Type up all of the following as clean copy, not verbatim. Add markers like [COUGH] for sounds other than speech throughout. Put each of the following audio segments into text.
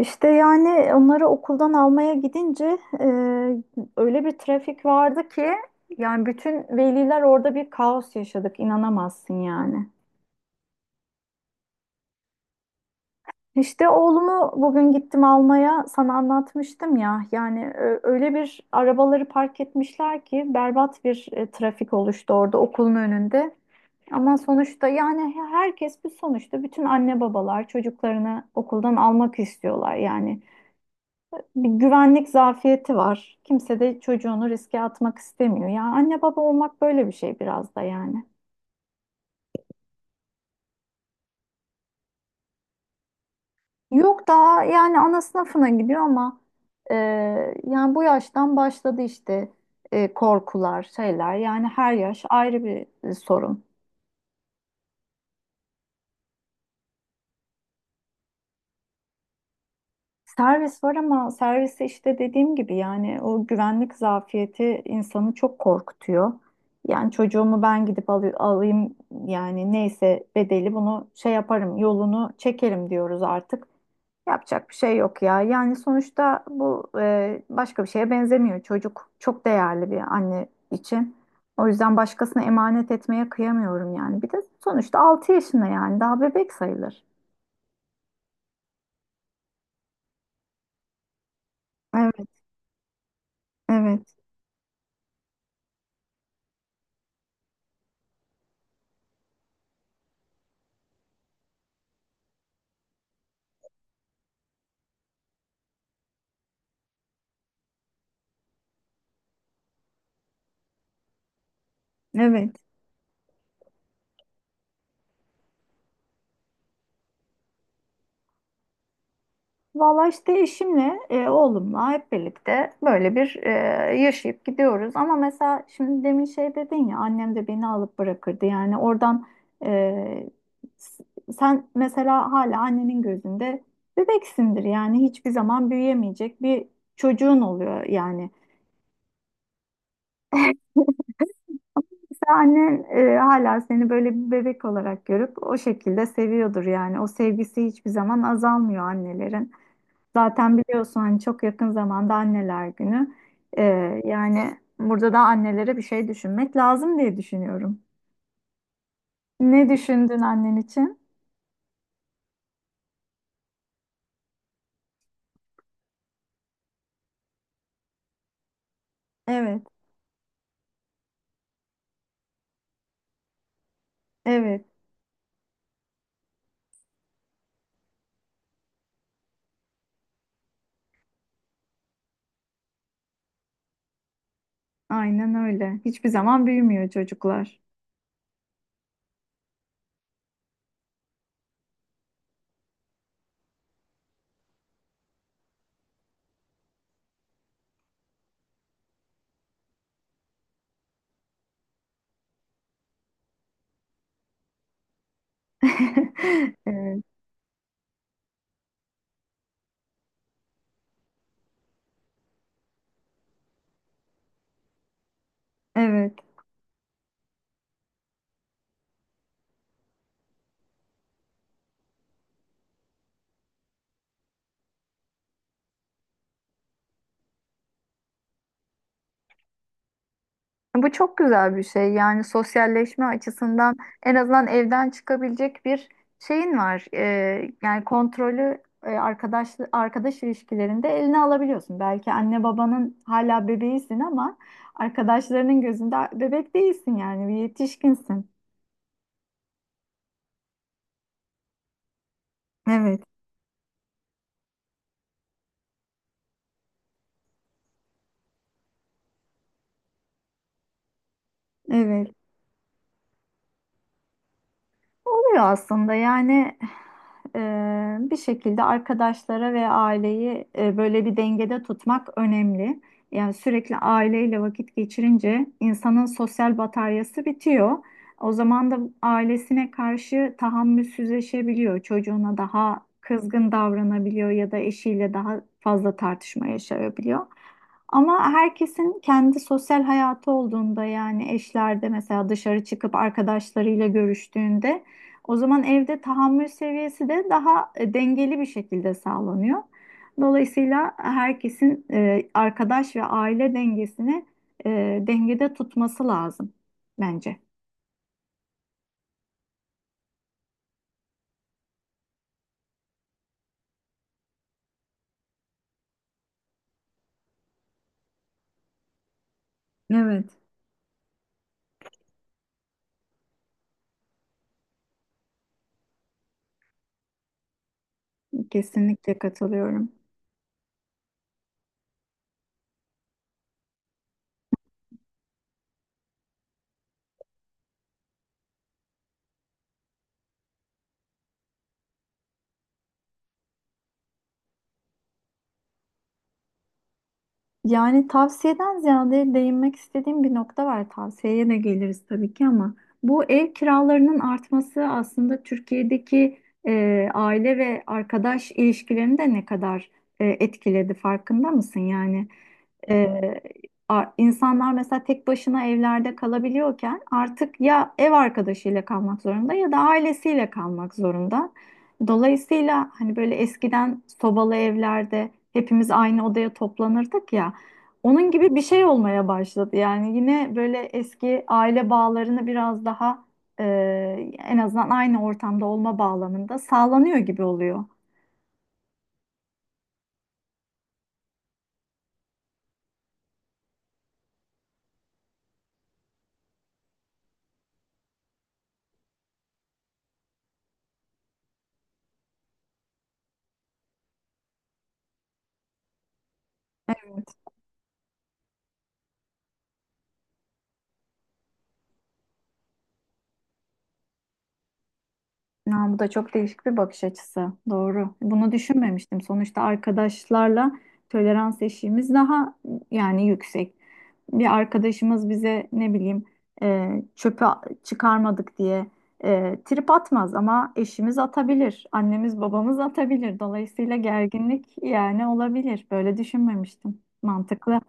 İşte yani onları okuldan almaya gidince öyle bir trafik vardı ki yani bütün veliler orada bir kaos yaşadık inanamazsın yani. İşte oğlumu bugün gittim almaya sana anlatmıştım ya yani öyle bir arabaları park etmişler ki berbat bir trafik oluştu orada okulun önünde. Ama sonuçta yani herkes bir sonuçta bütün anne babalar çocuklarını okuldan almak istiyorlar yani. Bir güvenlik zafiyeti var. Kimse de çocuğunu riske atmak istemiyor. Ya anne baba olmak böyle bir şey biraz da yani. Yok daha yani ana sınıfına gidiyor ama e, yani bu yaştan başladı işte korkular, şeyler. Yani her yaş ayrı bir sorun. Servis var ama serviste işte dediğim gibi yani o güvenlik zafiyeti insanı çok korkutuyor. Yani çocuğumu ben gidip alayım yani neyse bedeli bunu şey yaparım yolunu çekerim diyoruz artık. Yapacak bir şey yok ya. Yani sonuçta bu başka bir şeye benzemiyor. Çocuk çok değerli bir anne için. O yüzden başkasına emanet etmeye kıyamıyorum yani. Bir de sonuçta 6 yaşında yani daha bebek sayılır. Evet, evet, evet. Valla işte eşimle, oğlumla hep birlikte böyle bir yaşayıp gidiyoruz. Ama mesela şimdi demin şey dedin ya annem de beni alıp bırakırdı. Yani oradan e, s- sen mesela hala annenin gözünde bebeksindir. Yani hiçbir zaman büyüyemeyecek bir çocuğun oluyor yani. Mesela annen hala seni böyle bir bebek olarak görüp o şekilde seviyordur yani. O sevgisi hiçbir zaman azalmıyor annelerin. Zaten biliyorsun hani çok yakın zamanda anneler günü. Ee, yani burada da annelere bir şey düşünmek lazım diye düşünüyorum. Ne düşündün annen için? Evet, evet, aynen öyle. Hiçbir zaman büyümüyor çocuklar. [LAUGHS] Evet, evet. Bu çok güzel bir şey. Yani sosyalleşme açısından en azından evden çıkabilecek bir şeyin var. Yani kontrolü arkadaş ilişkilerinde eline alabiliyorsun. Belki anne babanın hala bebeğisin ama arkadaşlarının gözünde bebek değilsin yani bir yetişkinsin. Evet, evet. Oluyor aslında yani e, bir şekilde arkadaşlara ve aileyi böyle bir dengede tutmak önemli. Yani sürekli aileyle vakit geçirince insanın sosyal bataryası bitiyor. O zaman da ailesine karşı tahammülsüzleşebiliyor. Çocuğuna daha kızgın davranabiliyor ya da eşiyle daha fazla tartışma yaşayabiliyor. Ama herkesin kendi sosyal hayatı olduğunda yani eşlerde mesela dışarı çıkıp arkadaşlarıyla görüştüğünde o zaman evde tahammül seviyesi de daha dengeli bir şekilde sağlanıyor. Dolayısıyla herkesin arkadaş ve aile dengesini e, dengede tutması lazım bence. Evet. Kesinlikle katılıyorum. Yani tavsiyeden ziyade değinmek istediğim bir nokta var. Tavsiyeye de geliriz tabii ki ama bu ev kiralarının artması aslında Türkiye'deki aile ve arkadaş ilişkilerini de ne kadar etkiledi farkında mısın? Yani e, insanlar mesela tek başına evlerde kalabiliyorken artık ya ev arkadaşıyla kalmak zorunda ya da ailesiyle kalmak zorunda. Dolayısıyla hani böyle eskiden sobalı evlerde hepimiz aynı odaya toplanırdık ya. Onun gibi bir şey olmaya başladı. Yani yine böyle eski aile bağlarını biraz daha e, en azından aynı ortamda olma bağlamında sağlanıyor gibi oluyor. Ya, bu da çok değişik bir bakış açısı. Doğru. Bunu düşünmemiştim. Sonuçta arkadaşlarla tolerans eşiğimiz daha yani yüksek. Bir arkadaşımız bize ne bileyim e, çöpü çıkarmadık diye trip atmaz ama eşimiz atabilir. Annemiz babamız atabilir. Dolayısıyla gerginlik yani olabilir. Böyle düşünmemiştim. Mantıklı.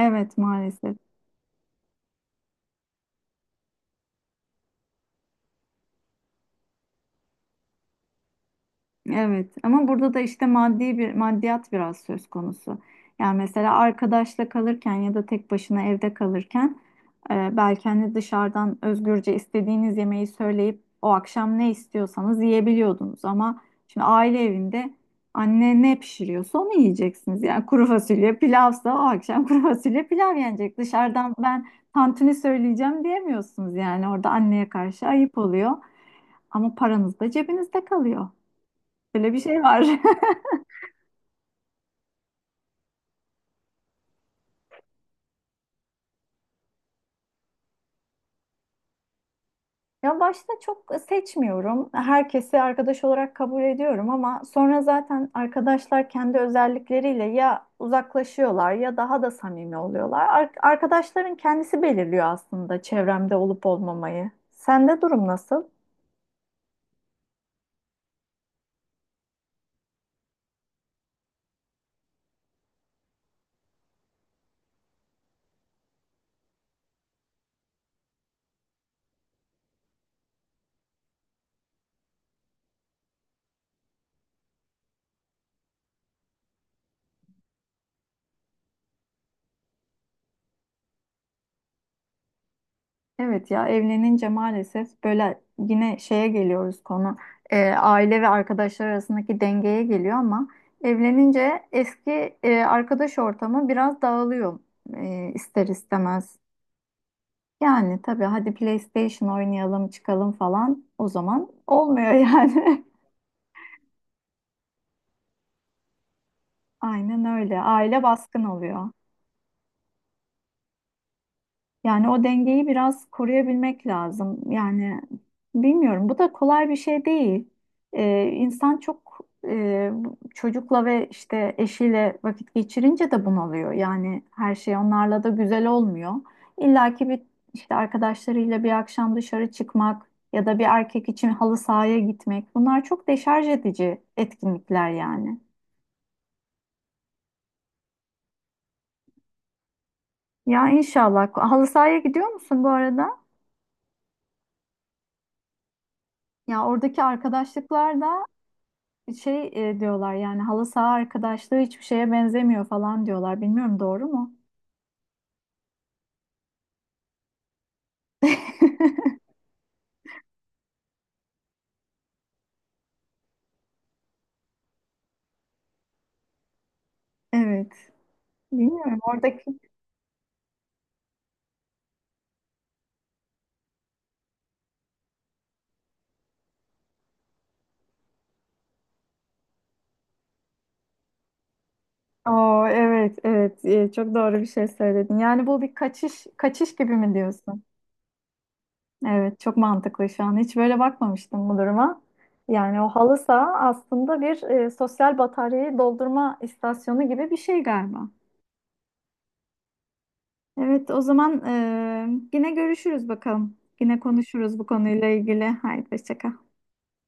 Evet maalesef. Evet ama burada da işte maddi maddiyat biraz söz konusu. Yani mesela arkadaşla kalırken ya da tek başına evde kalırken belki hani dışarıdan özgürce istediğiniz yemeği söyleyip o akşam ne istiyorsanız yiyebiliyordunuz ama şimdi aile evinde anne ne pişiriyorsa onu yiyeceksiniz. Yani kuru fasulye pilavsa o akşam [LAUGHS] kuru fasulye pilav yenecek. Dışarıdan ben tantuni söyleyeceğim diyemiyorsunuz yani orada anneye karşı ayıp oluyor ama paranız da cebinizde kalıyor. Böyle bir şey var. [LAUGHS] Ya başta çok seçmiyorum. Herkesi arkadaş olarak kabul ediyorum ama sonra zaten arkadaşlar kendi özellikleriyle ya uzaklaşıyorlar ya daha da samimi oluyorlar. Arkadaşların kendisi belirliyor aslında çevremde olup olmamayı. Sende durum nasıl? Evet ya evlenince maalesef böyle yine şeye geliyoruz konu aile ve arkadaşlar arasındaki dengeye geliyor ama evlenince eski arkadaş ortamı biraz dağılıyor ister istemez. Yani tabii hadi PlayStation oynayalım çıkalım falan o zaman olmuyor yani. [LAUGHS] Aynen öyle aile baskın oluyor. Yani o dengeyi biraz koruyabilmek lazım. Yani bilmiyorum. Bu da kolay bir şey değil. İnsan çok e, çocukla ve işte eşiyle vakit geçirince de bunalıyor. Yani her şey onlarla da güzel olmuyor. İlla ki bir işte arkadaşlarıyla bir akşam dışarı çıkmak ya da bir erkek için halı sahaya gitmek. Bunlar çok deşarj edici etkinlikler yani. Ya inşallah. Halı sahaya gidiyor musun bu arada? Ya oradaki arkadaşlıklar da şey diyorlar yani halı saha arkadaşlığı hiçbir şeye benzemiyor falan diyorlar. Bilmiyorum doğru mu? [LAUGHS] Evet. Bilmiyorum oradaki. Oo, evet evet. Çok doğru bir şey söyledin. Yani bu bir kaçış gibi mi diyorsun? Evet çok mantıklı şu an. Hiç böyle bakmamıştım bu duruma. Yani o halı saha aslında bir sosyal bataryayı doldurma istasyonu gibi bir şey galiba. Evet o zaman yine görüşürüz bakalım. Yine konuşuruz bu konuyla ilgili. Haydi hoşça kal.